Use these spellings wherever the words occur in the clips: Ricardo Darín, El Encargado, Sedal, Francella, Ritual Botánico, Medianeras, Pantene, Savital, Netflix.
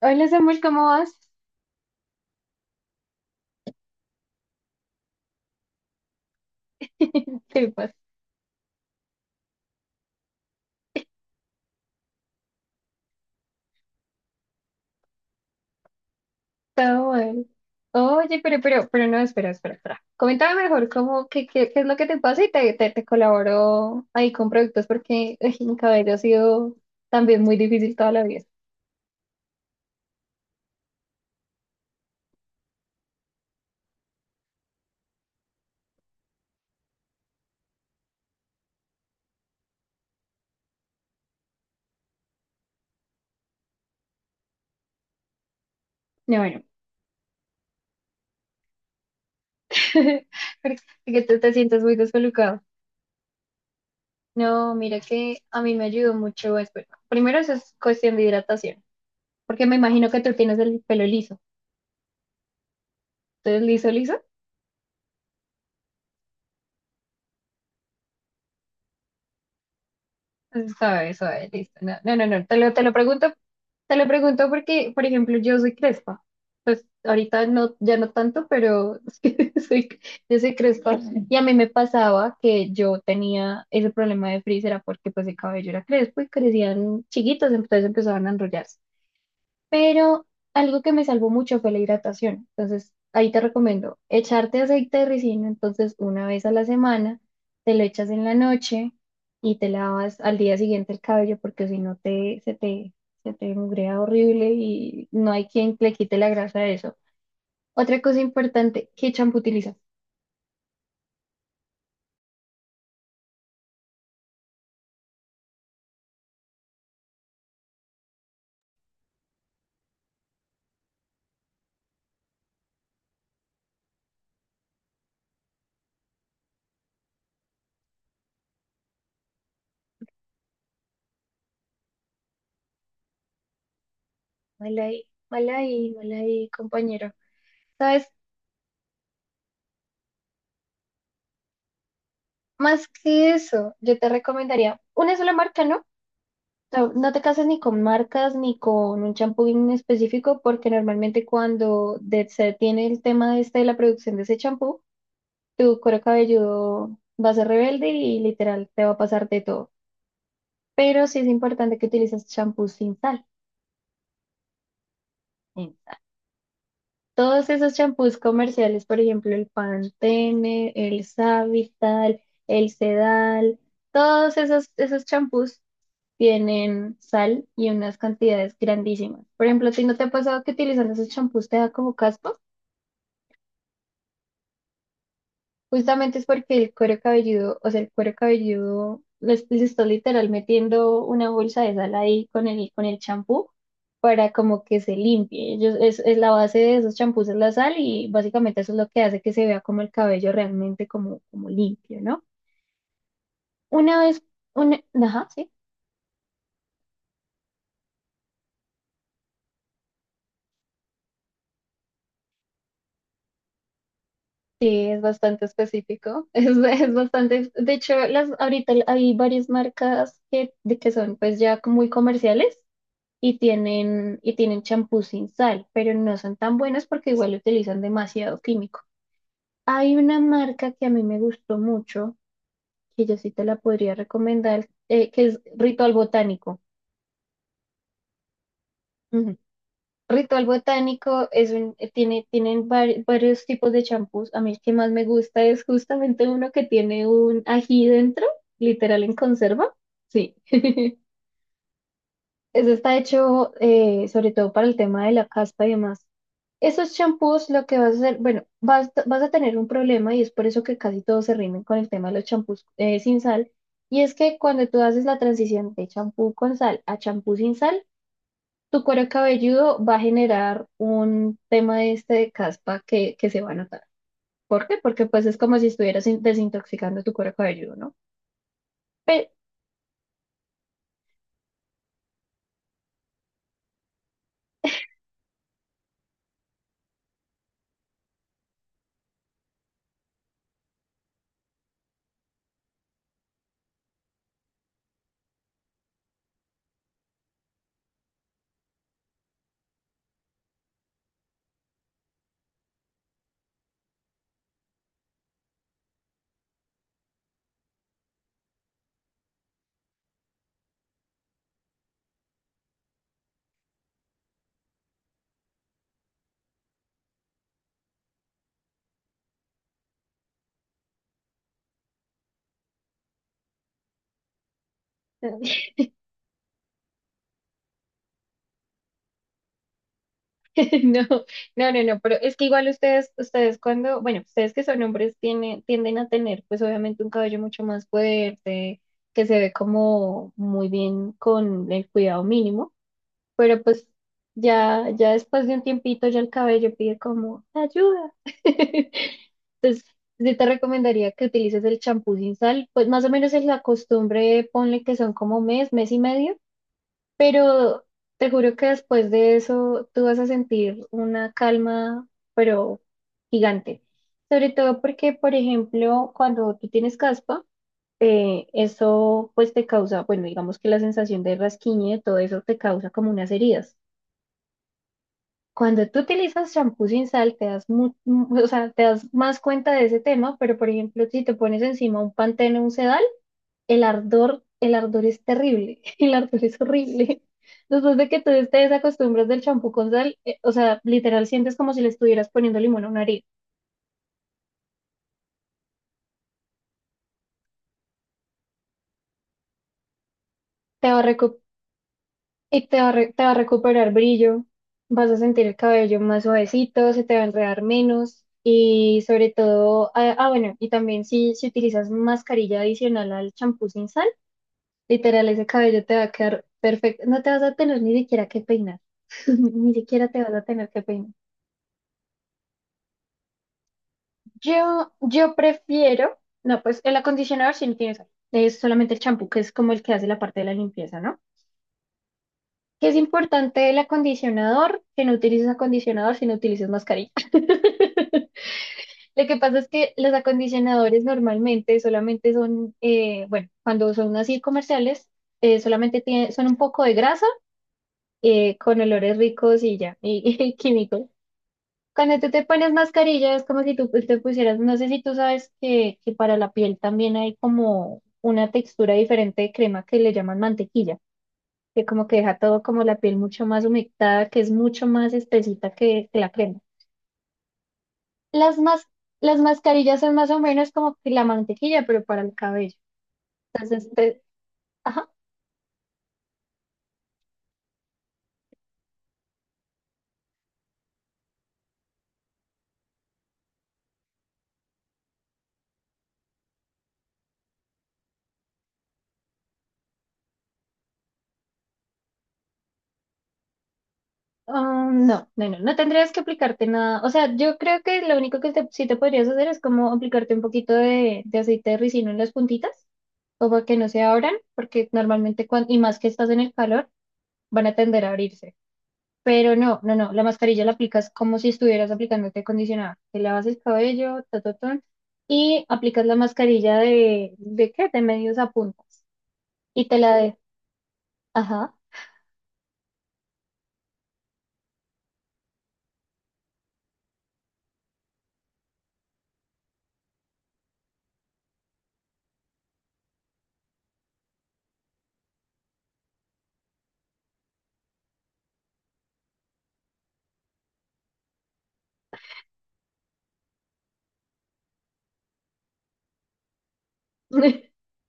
Hola Samuel, ¿cómo vas? Sí, pues, todo mal. Oye, pero no, espera. Coméntame mejor cómo, qué es lo que te pasa y te colaboro ahí con productos porque ay, mi cabello ha sido también muy difícil toda la vida. No, bueno, porque que tú te sientes muy descolocado. No, mira que a mí me ayudó mucho. Bueno, primero eso es cuestión de hidratación, porque me imagino que tú tienes el pelo liso. Entonces, liso, liso. Entonces, suave, suave, listo. No, no, no, no, te lo pregunto. Te lo pregunto porque, por ejemplo, yo soy crespa. Pues ahorita no, ya no tanto, pero sí, soy, yo soy crespa. Y a mí me pasaba que yo tenía ese problema de frizz, era porque pues el cabello era crespo y crecían chiquitos, entonces empezaban a enrollarse. Pero algo que me salvó mucho fue la hidratación. Entonces, ahí te recomiendo echarte aceite de ricino, entonces una vez a la semana, te lo echas en la noche y te lavas al día siguiente el cabello porque si no se te mugrea horrible y no hay quien le quite la grasa a eso. Otra cosa importante, ¿qué champú utilizas? Mal ahí, mal ahí, mal ahí, compañero. ¿Sabes? Más que eso, yo te recomendaría una sola marca, ¿no? No, no te casas ni con marcas ni con un champú en específico, porque normalmente cuando se tiene el tema este de la producción de ese champú, tu cuero cabelludo va a ser rebelde y literal te va a pasar de todo. Pero sí es importante que utilices champú sin sal. Todos esos champús comerciales, por ejemplo, el Pantene, el Savital, el Sedal, esos champús tienen sal y unas cantidades grandísimas. Por ejemplo, ¿a ti no te ha pasado que utilizando esos champús te da como caspa? Justamente es porque el cuero cabelludo, o sea, el cuero cabelludo les está literal metiendo una bolsa de sal ahí con con el champú para como que se limpie. Ellos, es la base de esos champús es la sal y básicamente eso es lo que hace que se vea como el cabello realmente como, como limpio, ¿no? Una vez, una, ajá, sí, sí, es bastante específico, es bastante, de hecho, las, ahorita hay varias marcas que, de que son pues ya muy comerciales y tienen champús sin sal, pero no son tan buenos porque igual utilizan demasiado químico. Hay una marca que a mí me gustó mucho, que yo sí te la podría recomendar, que es Ritual Botánico. Ujú. Ritual Botánico es un, tiene, tienen varios tipos de champús. A mí el que más me gusta es justamente uno que tiene un ají dentro, literal en conserva. Sí. Eso está hecho sobre todo para el tema de la caspa y demás. Esos champús lo que vas a hacer, bueno, vas, vas a tener un problema y es por eso que casi todos se rinden con el tema de los champús sin sal. Y es que cuando tú haces la transición de champú con sal a champú sin sal, tu cuero cabelludo va a generar un tema este de caspa que se va a notar. ¿Por qué? Porque pues es como si estuvieras desintoxicando tu cuero cabelludo, ¿no? Pe- No, no, no, no, pero es que igual ustedes, ustedes cuando, bueno, ustedes que son hombres tienen, tienden a tener pues obviamente un cabello mucho más fuerte, que se ve como muy bien con el cuidado mínimo, pero pues ya, ya después de un tiempito ya el cabello pide como ayuda. Entonces, yo te recomendaría que utilices el champú sin sal, pues más o menos es la costumbre, ponle que son como mes, mes y medio pero te juro que después de eso tú vas a sentir una calma, pero gigante. Sobre todo porque, por ejemplo, cuando tú tienes caspa, eso pues te causa, bueno, digamos que la sensación de rasquiñe, todo eso te causa como unas heridas. Cuando tú utilizas champú sin sal, te das, o sea, te das más cuenta de ese tema, pero por ejemplo, si te pones encima un Pantene o un Sedal, el ardor es terrible, el ardor es horrible. Después de que tú te desacostumbras del champú con sal, o sea, literal sientes como si le estuvieras poniendo limón a una herida. Te va a recu- Y te va a recuperar brillo, vas a sentir el cabello más suavecito, se te va a enredar menos y sobre todo, bueno, y también si utilizas mascarilla adicional al champú sin sal, literal ese cabello te va a quedar perfecto, no te vas a tener ni siquiera que peinar, ni siquiera te vas a tener que peinar. Yo prefiero, no, pues el acondicionador sí no tiene sal, es solamente el champú, que es como el que hace la parte de la limpieza, ¿no? Que es importante el acondicionador, que no utilices acondicionador si no utilices mascarilla. Lo que pasa es que los acondicionadores normalmente solamente son, bueno, cuando son así comerciales, son un poco de grasa con olores ricos y ya, y, y químicos. Cuando tú te pones mascarilla es como si tú pues, te pusieras, no sé si tú sabes que para la piel también hay como una textura diferente de crema que le llaman mantequilla, que como que deja todo como la piel mucho más humectada, que es mucho más espesita que la crema. Las mas- las mascarillas son más o menos como que la mantequilla, pero para el cabello. Entonces, ajá, ah, no, no, no, no tendrías que aplicarte nada. O sea, yo creo que lo único que sí te podrías hacer es como aplicarte un poquito de aceite de ricino en las puntitas como que no se abran, porque normalmente cuando, y más que estás en el calor, van a tender a abrirse. Pero no, no, no, la mascarilla la aplicas como si estuvieras aplicándote acondicionador. Te lavas el cabello, ta, ta, ta, y aplicas la mascarilla ¿de qué? De medios a puntas. Y te la de, ajá.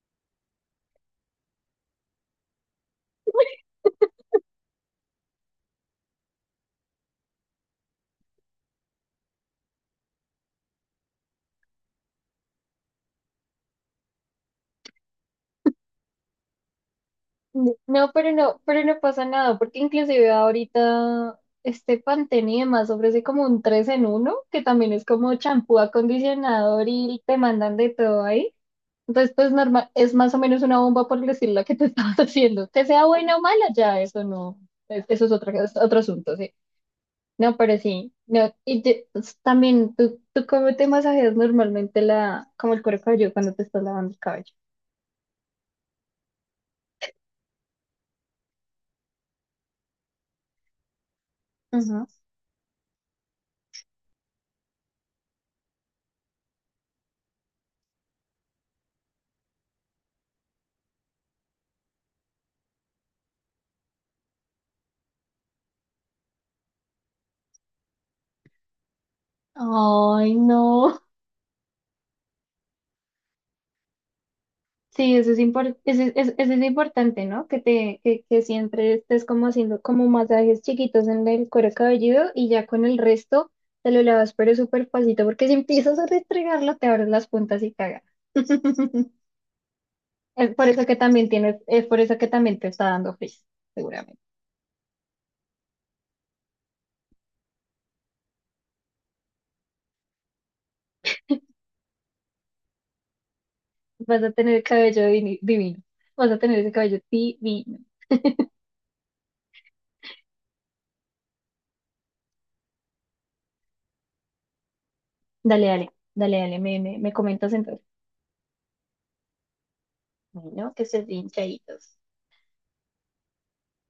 No, pero no, pero no pasa nada, porque inclusive ahorita este Pantene y demás ofrece como un 3 en 1 que también es como champú, acondicionador y te mandan de todo ahí. Entonces, pues normal, es más o menos una bomba por decir la que te estabas haciendo. Que sea buena o mala, ya eso no, eso es otro asunto, sí. No, pero sí, no, pues, también tú cómo te masajeas normalmente la, como el cuero cabelludo cuando te estás lavando el cabello. Ujú. Ay, no. Sí, eso es importante, ¿no? Que te, que siempre estés como haciendo como masajes chiquitos en el cuero cabelludo y ya con el resto te lo lavas, pero súper pasito, porque si empiezas a restregarlo, te abres las puntas y cagas. Es por eso que también tienes, es por eso que también te está dando frizz, seguramente. Vas a tener el cabello divi- divino. Vas a tener ese cabello divino. Dale, me comentas entonces. Bueno, que estés bien, chayitos.